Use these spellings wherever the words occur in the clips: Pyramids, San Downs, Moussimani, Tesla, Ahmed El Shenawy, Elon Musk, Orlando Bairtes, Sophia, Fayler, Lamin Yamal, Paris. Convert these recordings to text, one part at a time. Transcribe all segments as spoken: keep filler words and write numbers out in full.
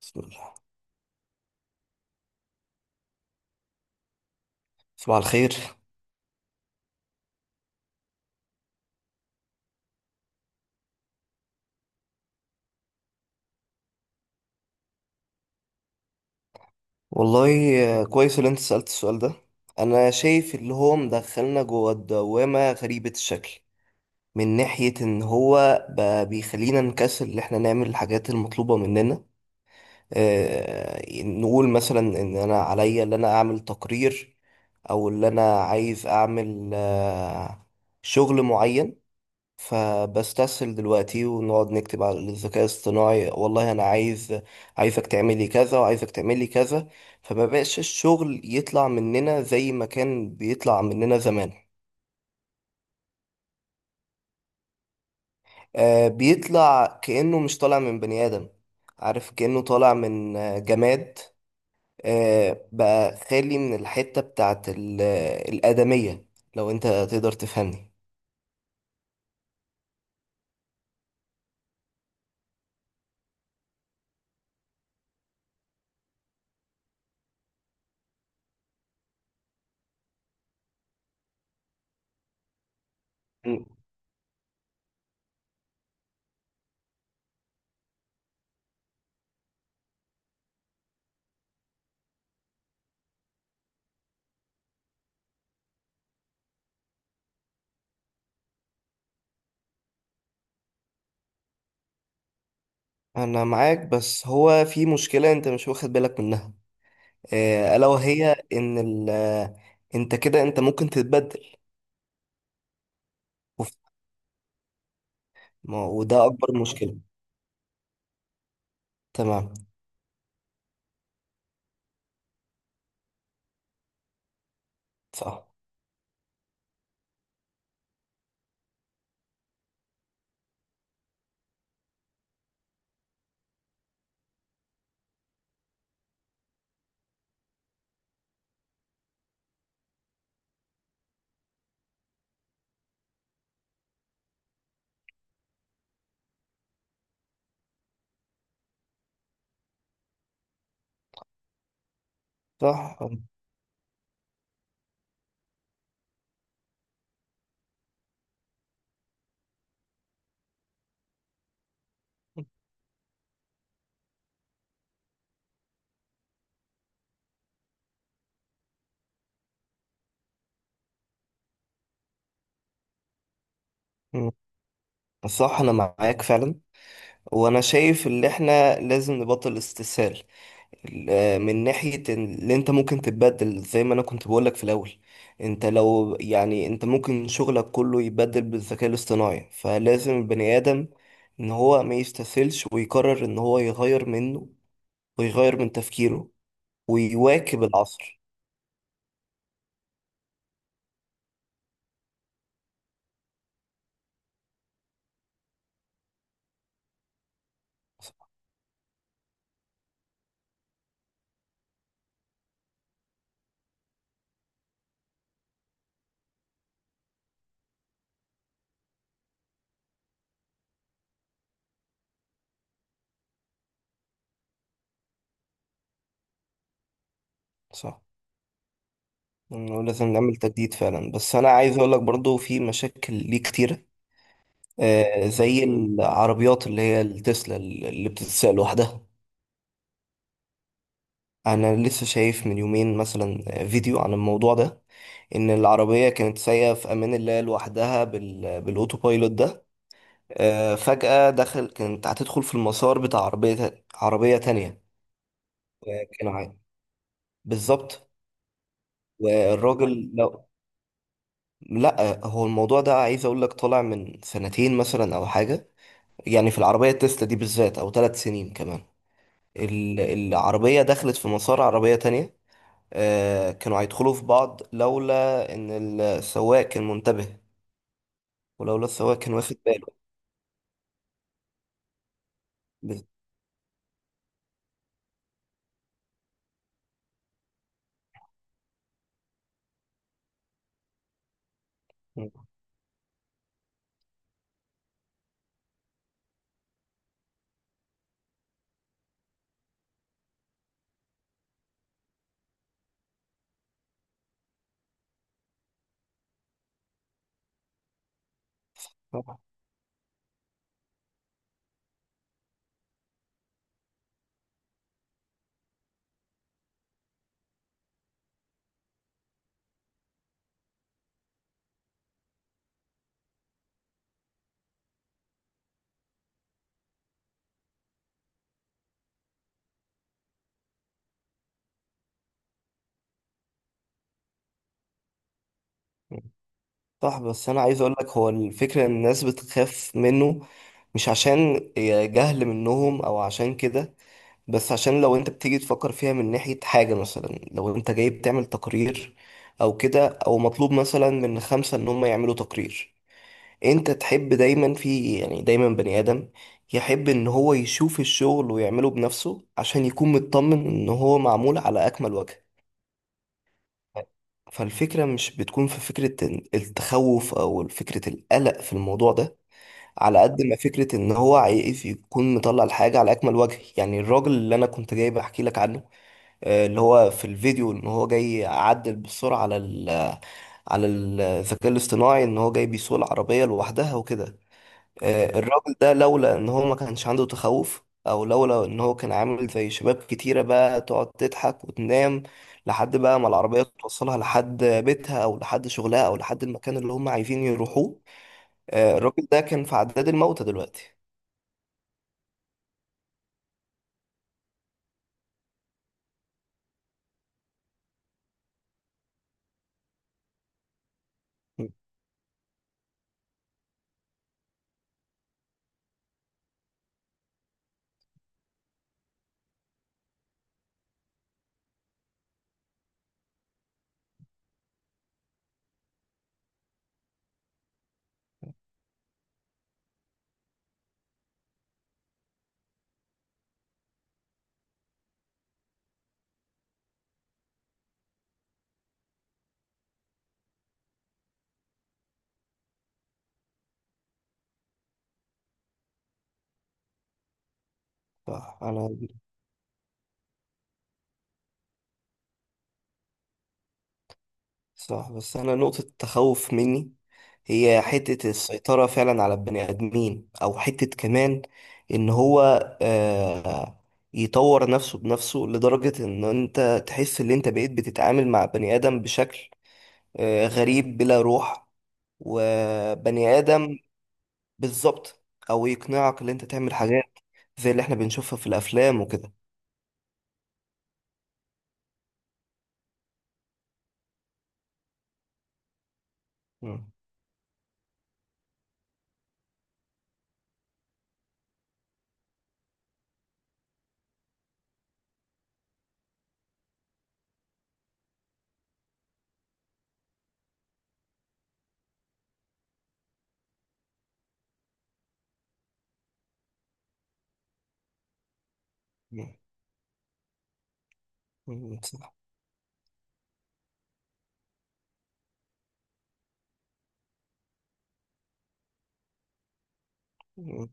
بسم الله. صباح الخير. والله، آه، كويس اللي انت سألت السؤال ده. انا شايف اللي هو مدخلنا جوه الدوامة غريبة الشكل، من ناحية ان هو بقى بيخلينا نكسل اللي احنا نعمل الحاجات المطلوبة مننا. اه نقول مثلا ان انا عليا ان انا اعمل تقرير، او ان انا عايز اعمل آه، شغل معين. فبستسهل دلوقتي ونقعد نكتب على الذكاء الاصطناعي، والله انا عايز عايزك تعملي كذا وعايزك تعملي كذا. فما بقاش الشغل يطلع مننا زي ما كان بيطلع مننا زمان. آه بيطلع كأنه مش طالع من بني آدم. عارف، كأنه طالع من آه، جماد. آه بقى خالي من الحتة بتاعت ال- آه، الآدمية. لو انت تقدر تفهمني. م. انا معاك، بس هو في مشكلة انت مش واخد بالك منها. آه، الا وهي ان ال آه، انت كده انت ممكن تتبدل. وف- ما- وده اكبر مشكلة. تمام. صح. صح. مم. صح، انا معاك فعلا. وانا شايف ان احنا لازم نبطل استسهال ال- آه، من ناحية إن- اللي انت ممكن تتبدل زي ما انا كنت بقولك في الاول. انت لو يعني انت ممكن شغلك كله يتبدل بالذكاء الاصطناعي، فلازم البني ادم ان هو ما يستسهلش ويقرر ان هو يغير منه، ويغير من تفكيره، ويواكب العصر. صح. صح. انه لازم نعمل تجديد فعلا، بس انا عايز اقول لك برضو في مشاكل ليه كتيرة. آه زي العربيات اللي هي التسلا اللي بتتساق لوحدها. انا لسه شايف من يومين مثلا فيديو عن الموضوع ده. ان العربية كانت سايقة في امان الله لوحدها بال... بالاوتو بايلوت ده. آه فجأة دخل كانت هتدخل في المسار بتاع عربية عربية تانية. آه، كان عادي. بالظبط. والراجل لو لا، هو الموضوع ده عايز اقول لك طالع من سنتين مثلا او حاجه. يعني في العربيه التسلا دي بالذات، او ثلاث سنين كمان. ال- العربيه دخلت في مسار عربيه تانية. آه، كانوا هيدخلوا في بعض لولا ان السواق كان منتبه، ولولا السواق كان واخد باله. بس- صح. صح، بس انا عايز اقول لك هو الفكره ان الناس بتخاف منه، مش عشان جهل منهم او عشان كده. بس عشان لو انت بتيجي تفكر فيها من ناحية حاجة، مثلا لو انت جاي بتعمل تقرير او كده، او مطلوب مثلا من خمسة ان هم يعملوا تقرير. انت تحب دايما في يعني دايما بني ادم يحب ان هو يشوف الشغل ويعمله بنفسه عشان يكون مطمن ان هو معمول على اكمل وجه. فالفكرة مش بتكون في فكرة إن- التخوف، او فكرة القلق في الموضوع ده. على قد ما فكرة ان هو عايز يكون مطلع الحاجة على اكمل وجه، يعني الراجل اللي انا كنت جاي بحكي لك عنه. آه، اللي هو في الفيديو ان هو جاي يعدل بالسرعه على ال على الذكاء الاصطناعي، ان هو جاي بيسوق العربيه لوحدها وكده. آه، الراجل ده لولا ان هو ما كانش عنده تخوف، او لولا ان هو كان عامل زي شباب كتيره بقى تقعد تضحك وتنام لحد بقى ما العربيه توصلها لحد بيتها او لحد شغلها او لحد المكان اللي هم عايزين يروحوه. آه، الراجل ده كان في عداد الموتى دلوقتي. فانا صح، بس انا نقطة التخوف مني هي حتة السيطرة فعلا على البني ادمين، او حتة كمان ان هو آه يطور نفسه بنفسه لدرجة ان انت تحس ان انت بقيت بتتعامل مع بني ادم بشكل آه غريب بلا روح. وبني ادم. بالظبط. او يقنعك ان انت تعمل حاجات زي اللي احنا بنشوفها في الافلام وكده. مم. مم. مم. صح. مم.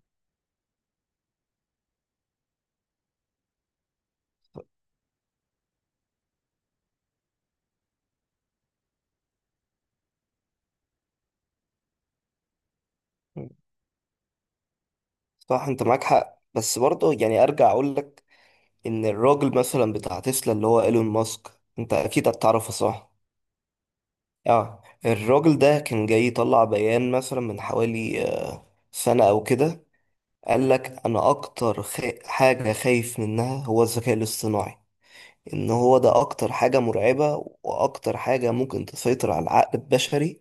صح، انت معاك حق، بس برضه يعني ارجع اقول لك ان الراجل مثلا بتاع تسلا اللي هو ايلون ماسك، انت اكيد هتعرفه، صح؟ اه، الراجل ده كان جاي يطلع بيان مثلا من حوالي آه، سنة او كده. قال لك انا اكتر خ... حاجة خايف منها هو الذكاء الاصطناعي، ان هو ده اكتر حاجة مرعبة، واكتر حاجة ممكن تسيطر على العقل البشري،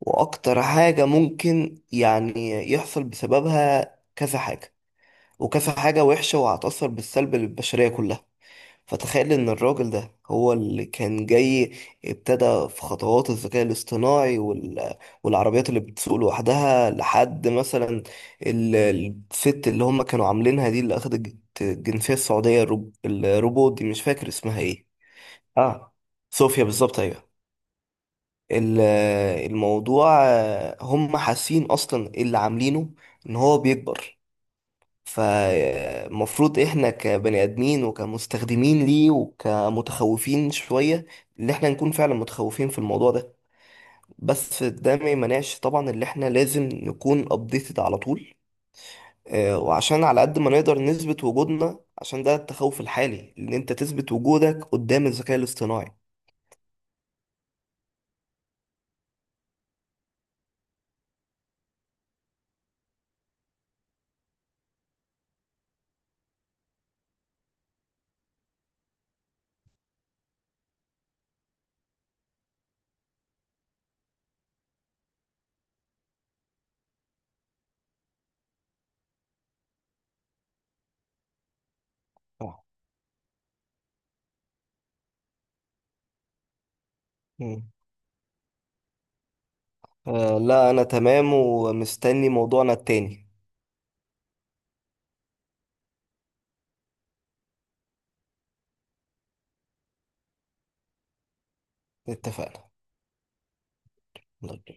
واكتر حاجة ممكن يعني يحصل بسببها كذا حاجة وكذا حاجة وحشة، وهتأثر بالسلب للبشرية كلها. فتخيل ان الراجل ده هو اللي كان جاي ابتدى في خطوات الذكاء الاصطناعي وال... والعربيات اللي بتسوق لوحدها. لحد مثلا ال- الست اللي هم كانوا عاملينها دي اللي اخدت الجنسية السعودية، الروب... الروبوت دي مش فاكر اسمها ايه. اه، صوفيا بالظبط، ايوه. ال- الموضوع آه، هم حاسين اصلا اللي عاملينه ان هو بيكبر. فالمفروض احنا كبني ادمين وكمستخدمين ليه وكمتخوفين شوية ان احنا نكون فعلا متخوفين في الموضوع ده. بس ده ما يمنعش طبعا اللي احنا لازم نكون ابديتد على طول. آه، وعشان على قد ما نقدر نثبت وجودنا، عشان ده التخوف الحالي ان انت تثبت وجودك قدام الذكاء الاصطناعي. صح. مم. آه لا، انا تمام ومستني موضوعنا التاني. اتفقنا. يلا.